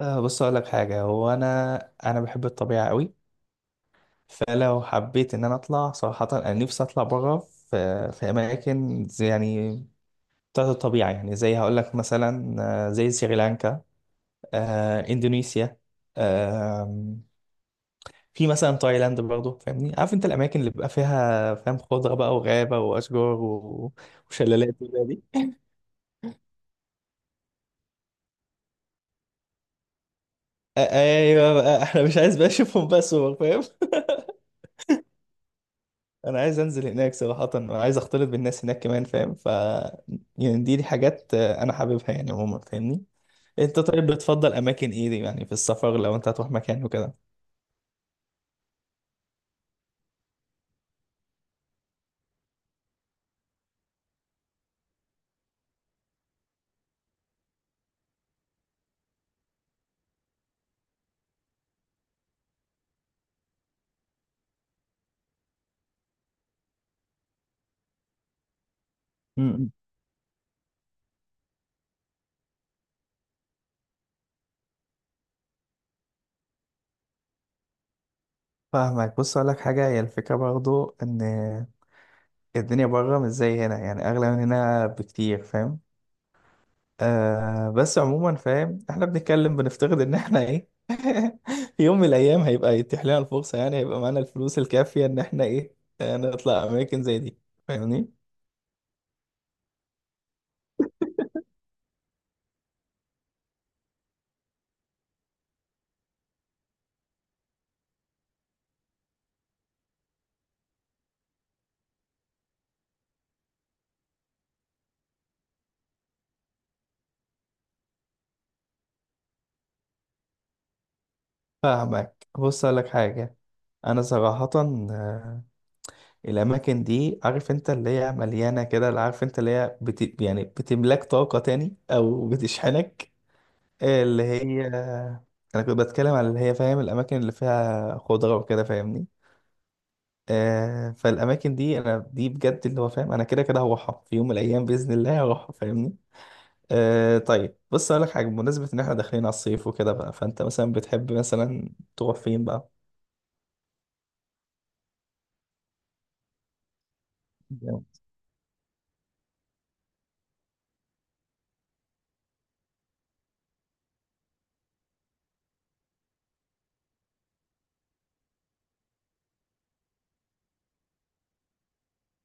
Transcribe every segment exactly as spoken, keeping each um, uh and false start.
آه، بص اقول لك حاجه هو انا انا بحب الطبيعه قوي. فلو حبيت ان انا اطلع صراحه انا نفسي اطلع بره في في اماكن زي يعني بتاعت الطبيعه، يعني زي هقول لك مثلا آه، زي سريلانكا، آه، اندونيسيا، آه، في مثلا تايلاند برضه. فاهمني؟ عارف انت الاماكن اللي بيبقى فيها فاهم خضره بقى وغابه واشجار و- وشلالات وكده دي. آه، ايوه بقى احنا مش عايز بقى اشوفهم بقى صور، فاهم؟ انا عايز انزل هناك صراحة، انا عايز اختلط بالناس هناك كمان، فاهم؟ ف يعني دي, دي حاجات آه، انا حاببها يعني عموما، فاهمني؟ انت طيب بتفضل اماكن ايه دي؟ يعني في السفر لو انت هتروح مكان وكده. امم فاهمك. بص اقول لك حاجة، هي الفكرة برضو ان الدنيا بره مش زي هنا، يعني اغلى من هنا بكتير، فاهم؟ آه بس عموما فاهم احنا بنتكلم بنفترض ان احنا ايه. في يوم من الايام هيبقى يتيح لنا الفرصة، يعني هيبقى معانا الفلوس الكافية ان احنا ايه آه، نطلع اماكن زي دي، فاهمني؟ فاهمك. بص أقول لك حاجة، أنا صراحة آه، الأماكن دي عارف أنت اللي هي مليانة كده، اللي عارف أنت اللي هي بت... يعني بتملاك طاقة تاني أو بتشحنك، اللي هي أنا كنت بتكلم على اللي هي فاهم الأماكن اللي فيها خضرة وكده، فاهمني؟ آه فالأماكن دي أنا دي بجد اللي هو فاهم أنا كده كده هروحها في يوم من الأيام بإذن الله هروحها، فاهمني؟ آه طيب بص أقول لك حاجة بمناسبة إن إحنا داخلين على الصيف وكده بقى، فأنت مثلا بتحب مثلا تروح فين بقى؟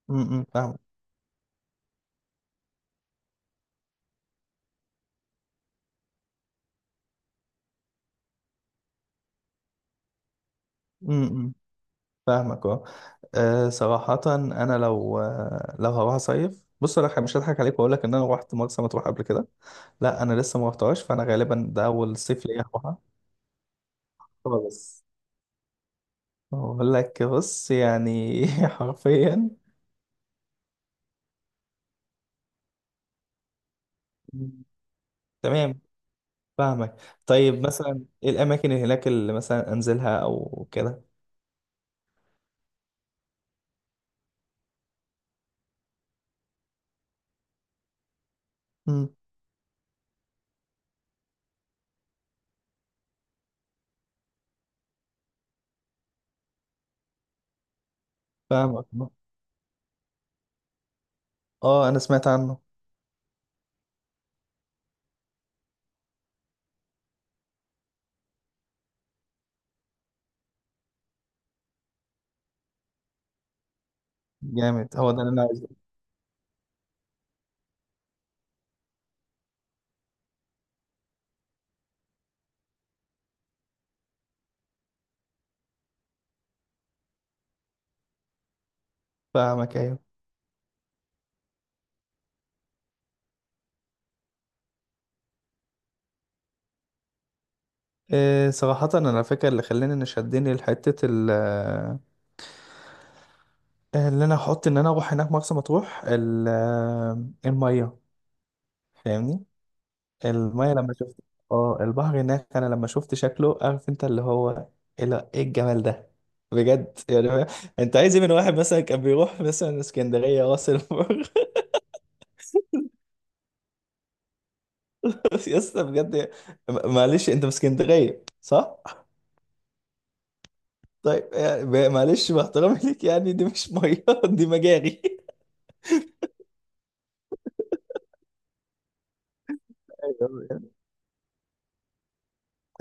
امم فاهمك. امم فاهمك اه. آه، صراحة أنا لو آه، لو هروح أصيف، بص أنا مش هضحك عليك وأقول لك إن أنا روحت مرسى مطروح قبل كده. لا، أنا لسه ما روحتهاش، فأنا غالبا ده أول صيف ليا أروحها. خالص. أقول لك بص يعني حرفيا. مم. تمام. فاهمك. طيب مثلا إيه الأماكن اللي هناك اللي مثلا أنزلها أو كده؟ امم فاهمك. أه أنا سمعت عنه. جامد، هو ده اللي أنا عايزه. فاهمك أيوه. إيه صراحة أنا فاكر اللي خلاني إن شدني لحتة ال، آه، اللي أنا أحط إن أنا أروح هناك مرسى مطروح ال- آه، المية، فاهمني؟ المية لما شفت، اه البحر هناك أنا لما شفت شكله عارف أنت اللي هو إيه، لا، إيه الجمال ده، بجد يعني. أنت عايز إيه من واحد مثلا كان بيروح مثلا اسكندرية راس البر؟ يا اسطى بجد. م- معلش أنت في اسكندرية صح؟ طيب يعني معلش باحترامي ليك، يعني دي مش مية دي مجاري. أيوة، أيوة.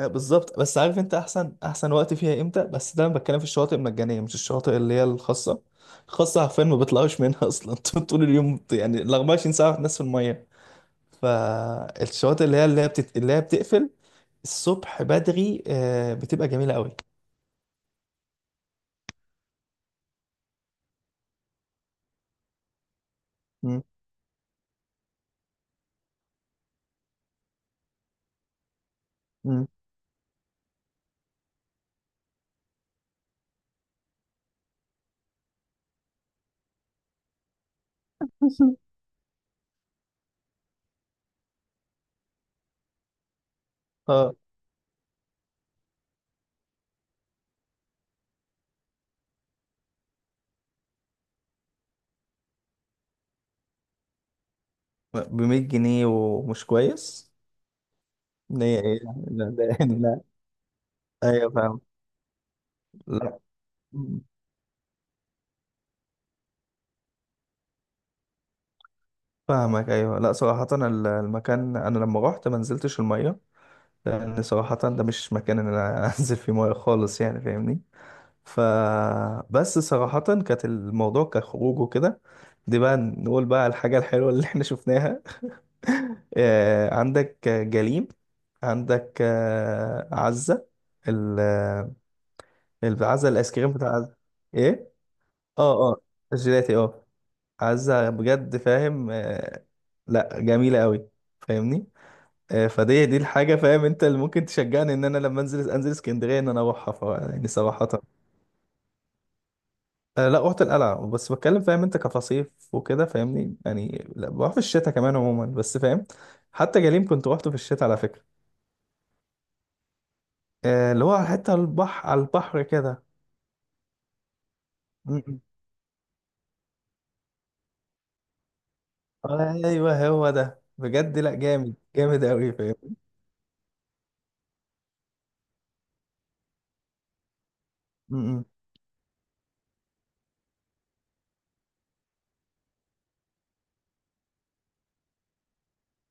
بالظبط. بس عارف انت احسن احسن وقت فيها امتى؟ بس ده انا بتكلم في الشواطئ المجانيه مش الشواطئ اللي هي الخاصه. الخاصه حرفيا ما بيطلعوش منها اصلا طول اليوم، يعني ال أربعة وعشرين ساعه الناس في الميه. فالشواطئ اللي هي اللي هي بتت... اللي هي بتقفل الصبح بدري آه، بتبقى جميله قوي. مم. مم. اه. ب مية جنيه ومش كويس؟ إن هي ايه، لا ده يعني لا. ايوه فاهم. لا فاهمك ايوه. لا صراحه ال- المكان انا لما رحت ما نزلتش الميه، لان صراحة ده مش مكان ان انا انزل فيه ميه خالص، يعني فاهمني؟ ف بس صراحة كانت الموضوع كخروج وكده. دي بقى نقول بقى الحاجة الحلوة اللي احنا شفناها. آه، عندك جليم، عندك آه، عزة، ال العزة الايس كريم بتاع عزة. ايه. اه اه الجيلاتي اه. عزة بجد فاهم، آه، لا جميلة قوي، فاهمني؟ آه، فدي دي الحاجة فاهم انت اللي ممكن تشجعني ان انا لما انزل انزل اسكندرية ان انا اروحها ف، يعني صراحة آه، لا رحت القلعة، بس بتكلم فاهم انت كفصيف وكده، فاهمني؟ يعني لا بروح في الشتاء كمان عموما، بس فاهم. حتى جليم كنت روحته في الشتاء على فكرة. آه، اللي هو على حتة البحر، على البحر كده. م- م. ايوه هو ده بجد لا جامد جامد قوي فاهم. م- م.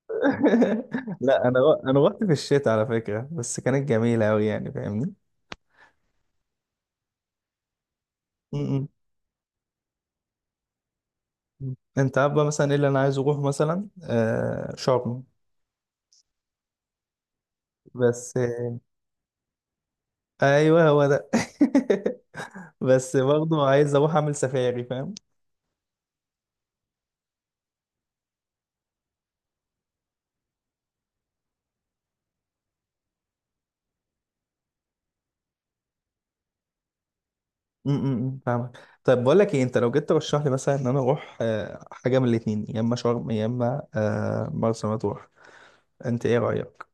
لا انا. انا رحت في الشتاء على فكرة بس كانت جميلة قوي يعني فاهمني. انت عارف بقى مثلا ايه اللي انا عايز اروح مثلا آه شرم. بس. ايوه هو ده. بس برضه عايز اروح اعمل سفاري فاهم. م- م- م، فاهمك. طيب بقول لك ايه، انت لو جيت ترشح لي مثلا ان انا اروح آه حاجه من الاثنين، يا اما شرم يا اما آه مرسى مطروح، انت ايه رايك؟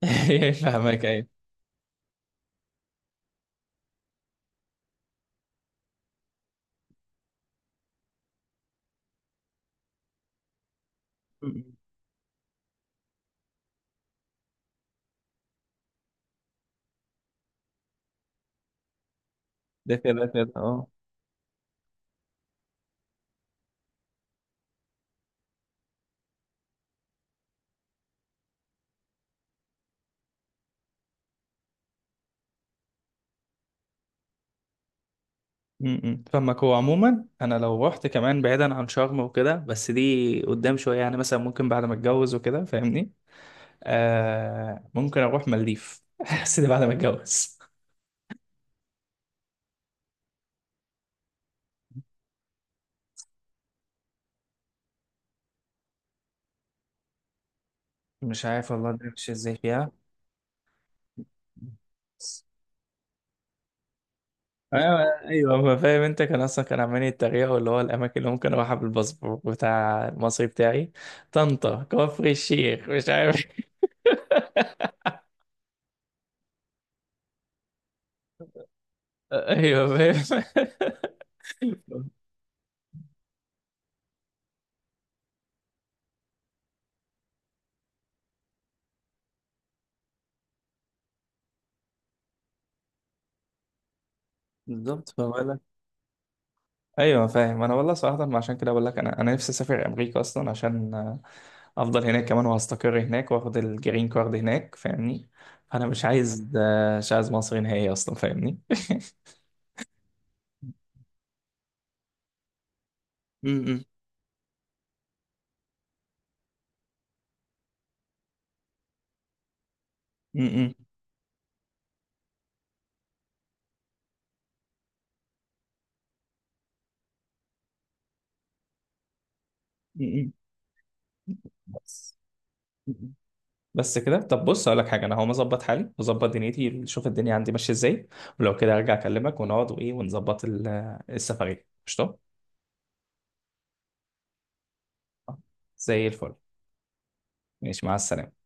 فاهمك ايوه. م- م. ده كده كده اه. م- م. فاهمك، هو عموما انا لو رحت كمان بعيدا عن شرم وكده، بس دي قدام شويه يعني مثلا، ممكن بعد ما اتجوز وكده فاهمني. آه ممكن اروح مالديف. بس ده بعد ما اتجوز. مش عارف والله بمشي ازاي فيها. ايوه. ايوه ما فاهم انت كان اصلا كان عمال يتريقوا اللي هو الاماكن اللي ممكن اروحها بالباسبور بتاع المصري بتاعي. طنطا، كفر الشيخ، مش عارف. ايوه فاهم. بالظبط، فبقول لك ايوه فاهم. انا والله صراحه ما عشان كده بقول لك انا انا نفسي اسافر امريكا اصلا، عشان افضل هناك كمان وهستقر هناك واخد الجرين كارد هناك فاهمني. فانا مش عايز آه، مش عايز مصر نهائي اصلا فاهمني. م- م- م- م- م. بس. م- م. بس كده. طب بص اقول لك حاجه، انا هقوم اظبط حالي واظبط دنيتي اشوف الدنيا عندي ماشيه ازاي، ولو كده ارجع اكلمك ونقعد وايه ونظبط ال- السفريه قشطه. زي الفل. ماشي مع السلامه.